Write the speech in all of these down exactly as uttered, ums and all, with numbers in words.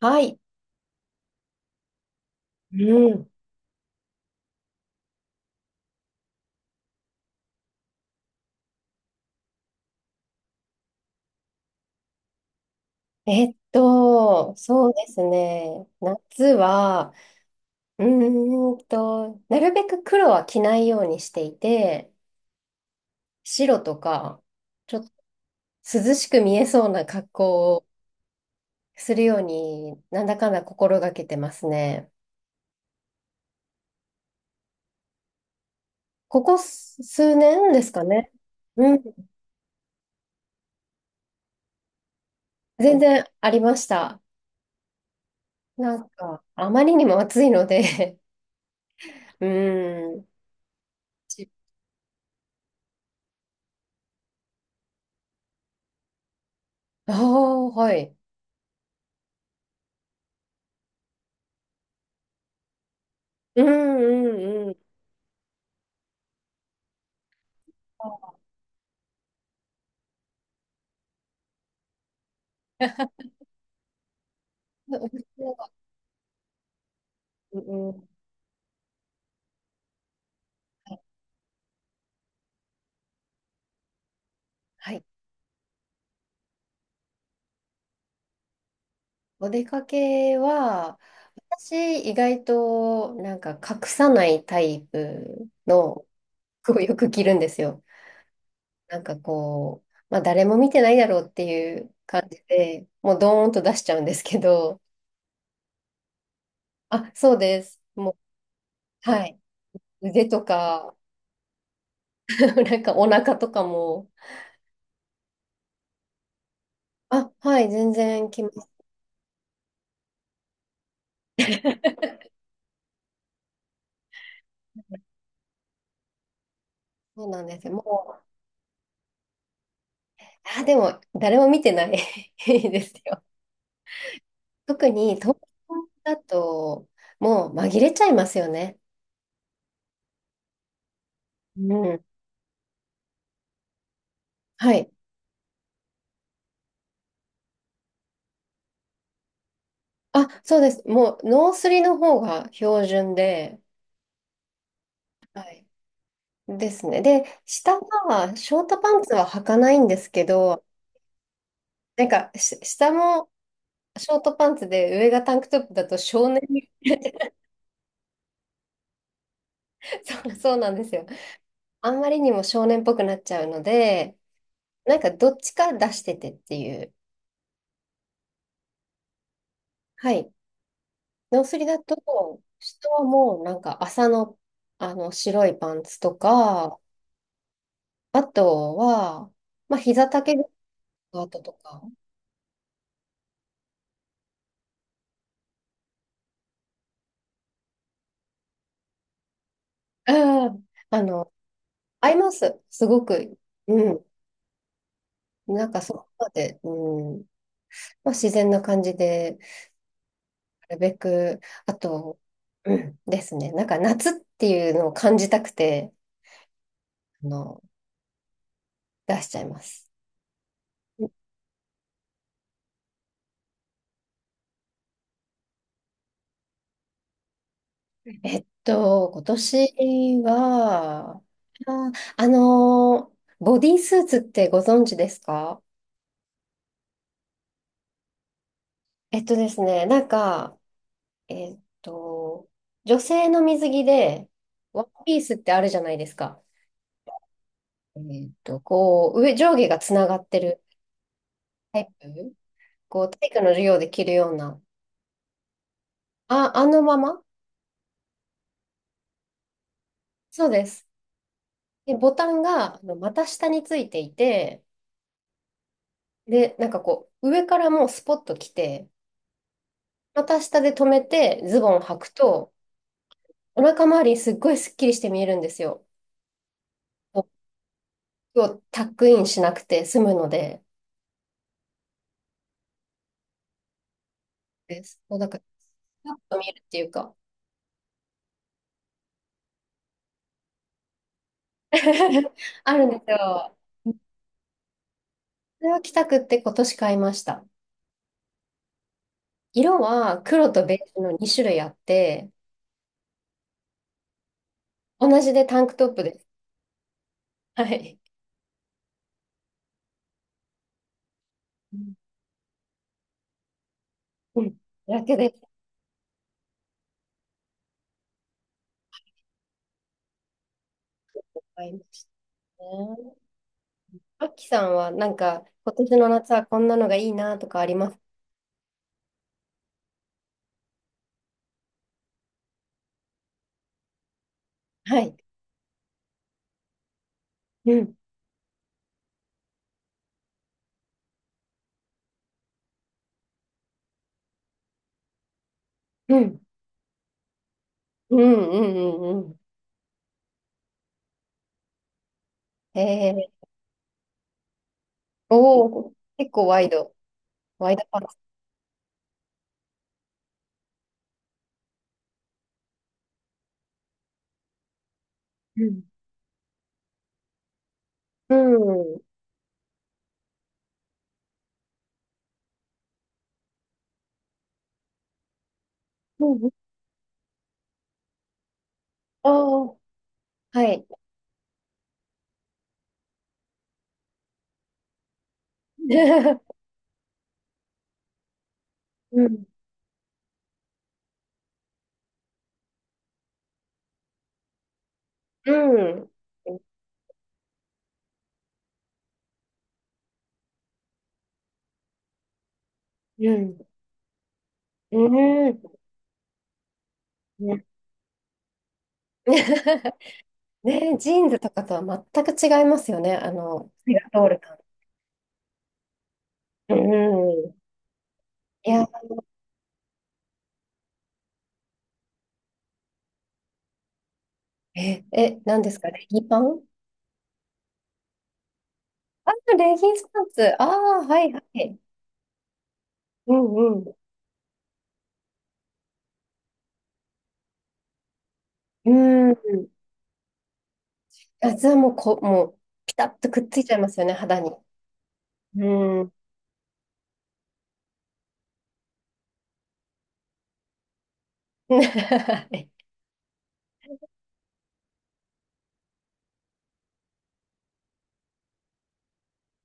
はい。うん。えっと、そうですね。夏は、うーんと、なるべく黒は着ないようにしていて、白とか、ちょっと涼しく見えそうな格好をするように、なんだかんだ心がけてますね。ここ数数年ですかね。うん。全然ありました。なんか、あまりにも暑いので うーん。ああ、はい。うんうんうん。お出かけうんうんはい。お出かけは、私、意外と、なんか、隠さないタイプの服をよく着るんですよ。なんかこう、まあ、誰も見てないだろうっていう感じで、もう、ドーンと出しちゃうんですけど、あ、そうです。もう、はい。腕とか、なんか、お腹とかも、あ、はい、全然着ます。そうなんですよ。もう、あ、でも、誰も見てない ですよ。特に東京だと、もう紛れちゃいますよね。うん。はい。あ、そうです。もう、ノースリの方が標準で、はい。ですね。で、下は、ショートパンツは履かないんですけど、なんか、し下もショートパンツで、上がタンクトップだと少年、そうそうなんですよ。あんまりにも少年っぽくなっちゃうので、なんか、どっちか出しててっていう。はい。ノースリだと、下はもうなんか朝の、あの白いパンツとか、あとは、まあ膝丈のスカートとか、うん、あの、合います。すごく。うん。なんかそこまで、うん。まあ自然な感じで、なるべく、あと、うん、ですね。なんか夏っていうのを感じたくて、あの、出しちゃいます。えっと、今年は、あ、あのー、ボディースーツってご存知ですか？えっとですね、なんか、えっと、女性の水着で、ワンピースってあるじゃないですか。えっと、こう、上、上下がつながってるタイプ、こう、体育の授業で着るような、あ、あのままそうです。で、ボタンが、あの股下についていて、で、なんかこう、上からもうスポッと来て、股下で止めてズボン履くと、お腹周り、すっごいスッキリして見えるんですよ。こうをタックインしなくて済むので、です。もうなんか、ちょッと見えるっていうか あるんですよ。それを着たくって今年買いました。色は黒とベージュのに種類あって、同じでタンクトップです。はい。うん。だけで買いましたね。アッキさんはなんか今年の夏はこんなのがいいなとかありますはい。うん。うん。うんうんうんうん。へえ、おお、結構ワイド、ワイドパンツ。うん。うん。うん。ああ、はい。うん。うん。うん。うん。ね、ねジーンズとかとは全く違いますよね。あの、火が通る感。うん。いや、え、え、何ですかレギパン？あ、レギンスパンツ。ああ、はいはい。うんうん。うん。あ、じゃあもう、こ、もう、ピタッとくっついちゃいますよね、肌に。うん。はい。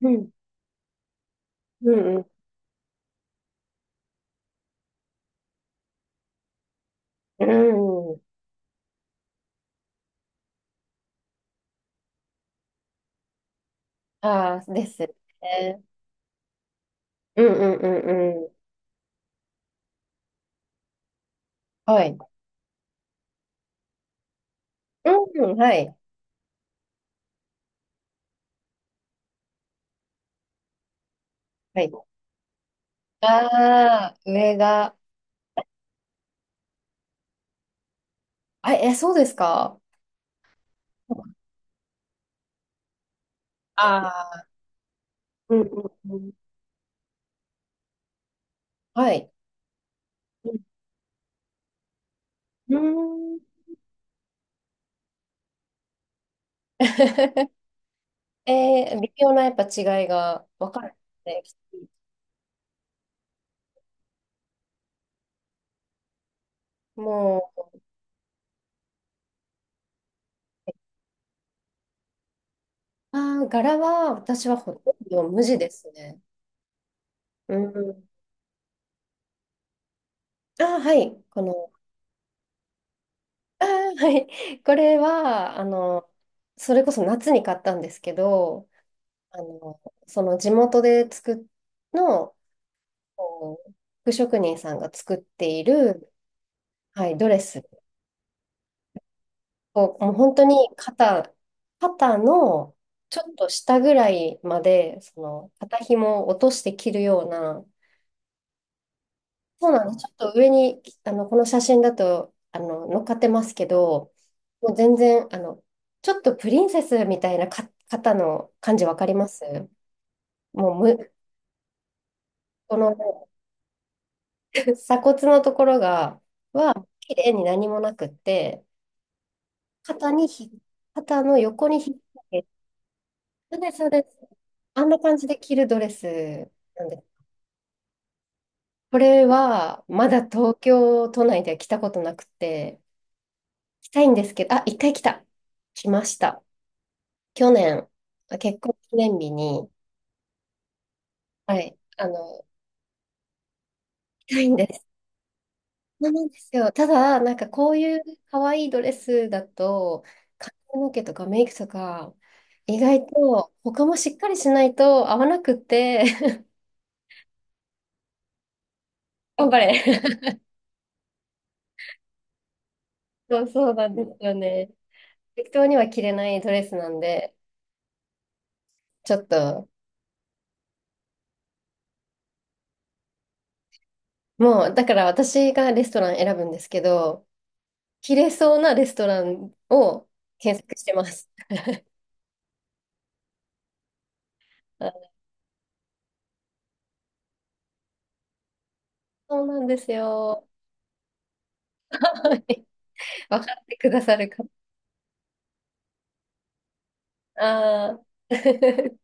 うん。うんうん。うん。ああ、ですよね。うんうんうんうん。はい。うん、はい。はい。ああ、上が、あ、え、そうですか？ああー、うんうんうん。はい。うん。うん えー微妙なやっぱ違いが分かるんでね。もう、ああ、柄は私はほとんど無地ですね。うん。ああ、はい。このあーはい。これは、あの、それこそ夏に買ったんですけど、あの、その地元で作っの、こう、服職人さんが作っている、はい、ドレスを、もう本当に肩、肩のちょっと下ぐらいまで、その、肩紐を落として着るような、そうなんです。ちょっと上に、あの、この写真だと、あの、乗っかってますけど、もう全然、あの、ちょっとプリンセスみたいなか方の感じわかりますもうむ、この 鎖骨のところが、は、綺麗に何もなくって、肩にひ、肩の横に引っ掛けて、そうです、そうです。あんな感じで着るドレスなんです。これは、まだ東京都内では着たことなくて、着たいんですけど、あ、一回来た。来ました。去年、結婚記念日に、はい、あの、行きたいんです。そうなんですよ。ただ、なんかこういう可愛いドレスだと、髪の毛とかメイクとか、意外と他もしっかりしないと合わなくって、頑張れ。そう、そうなんですよね。適当には着れないドレスなんで、ちょっと、もう、だから私がレストラン選ぶんですけど、着れそうなレストランを検索してます。そうなんですよ。はい、分かってくださるか。ああ。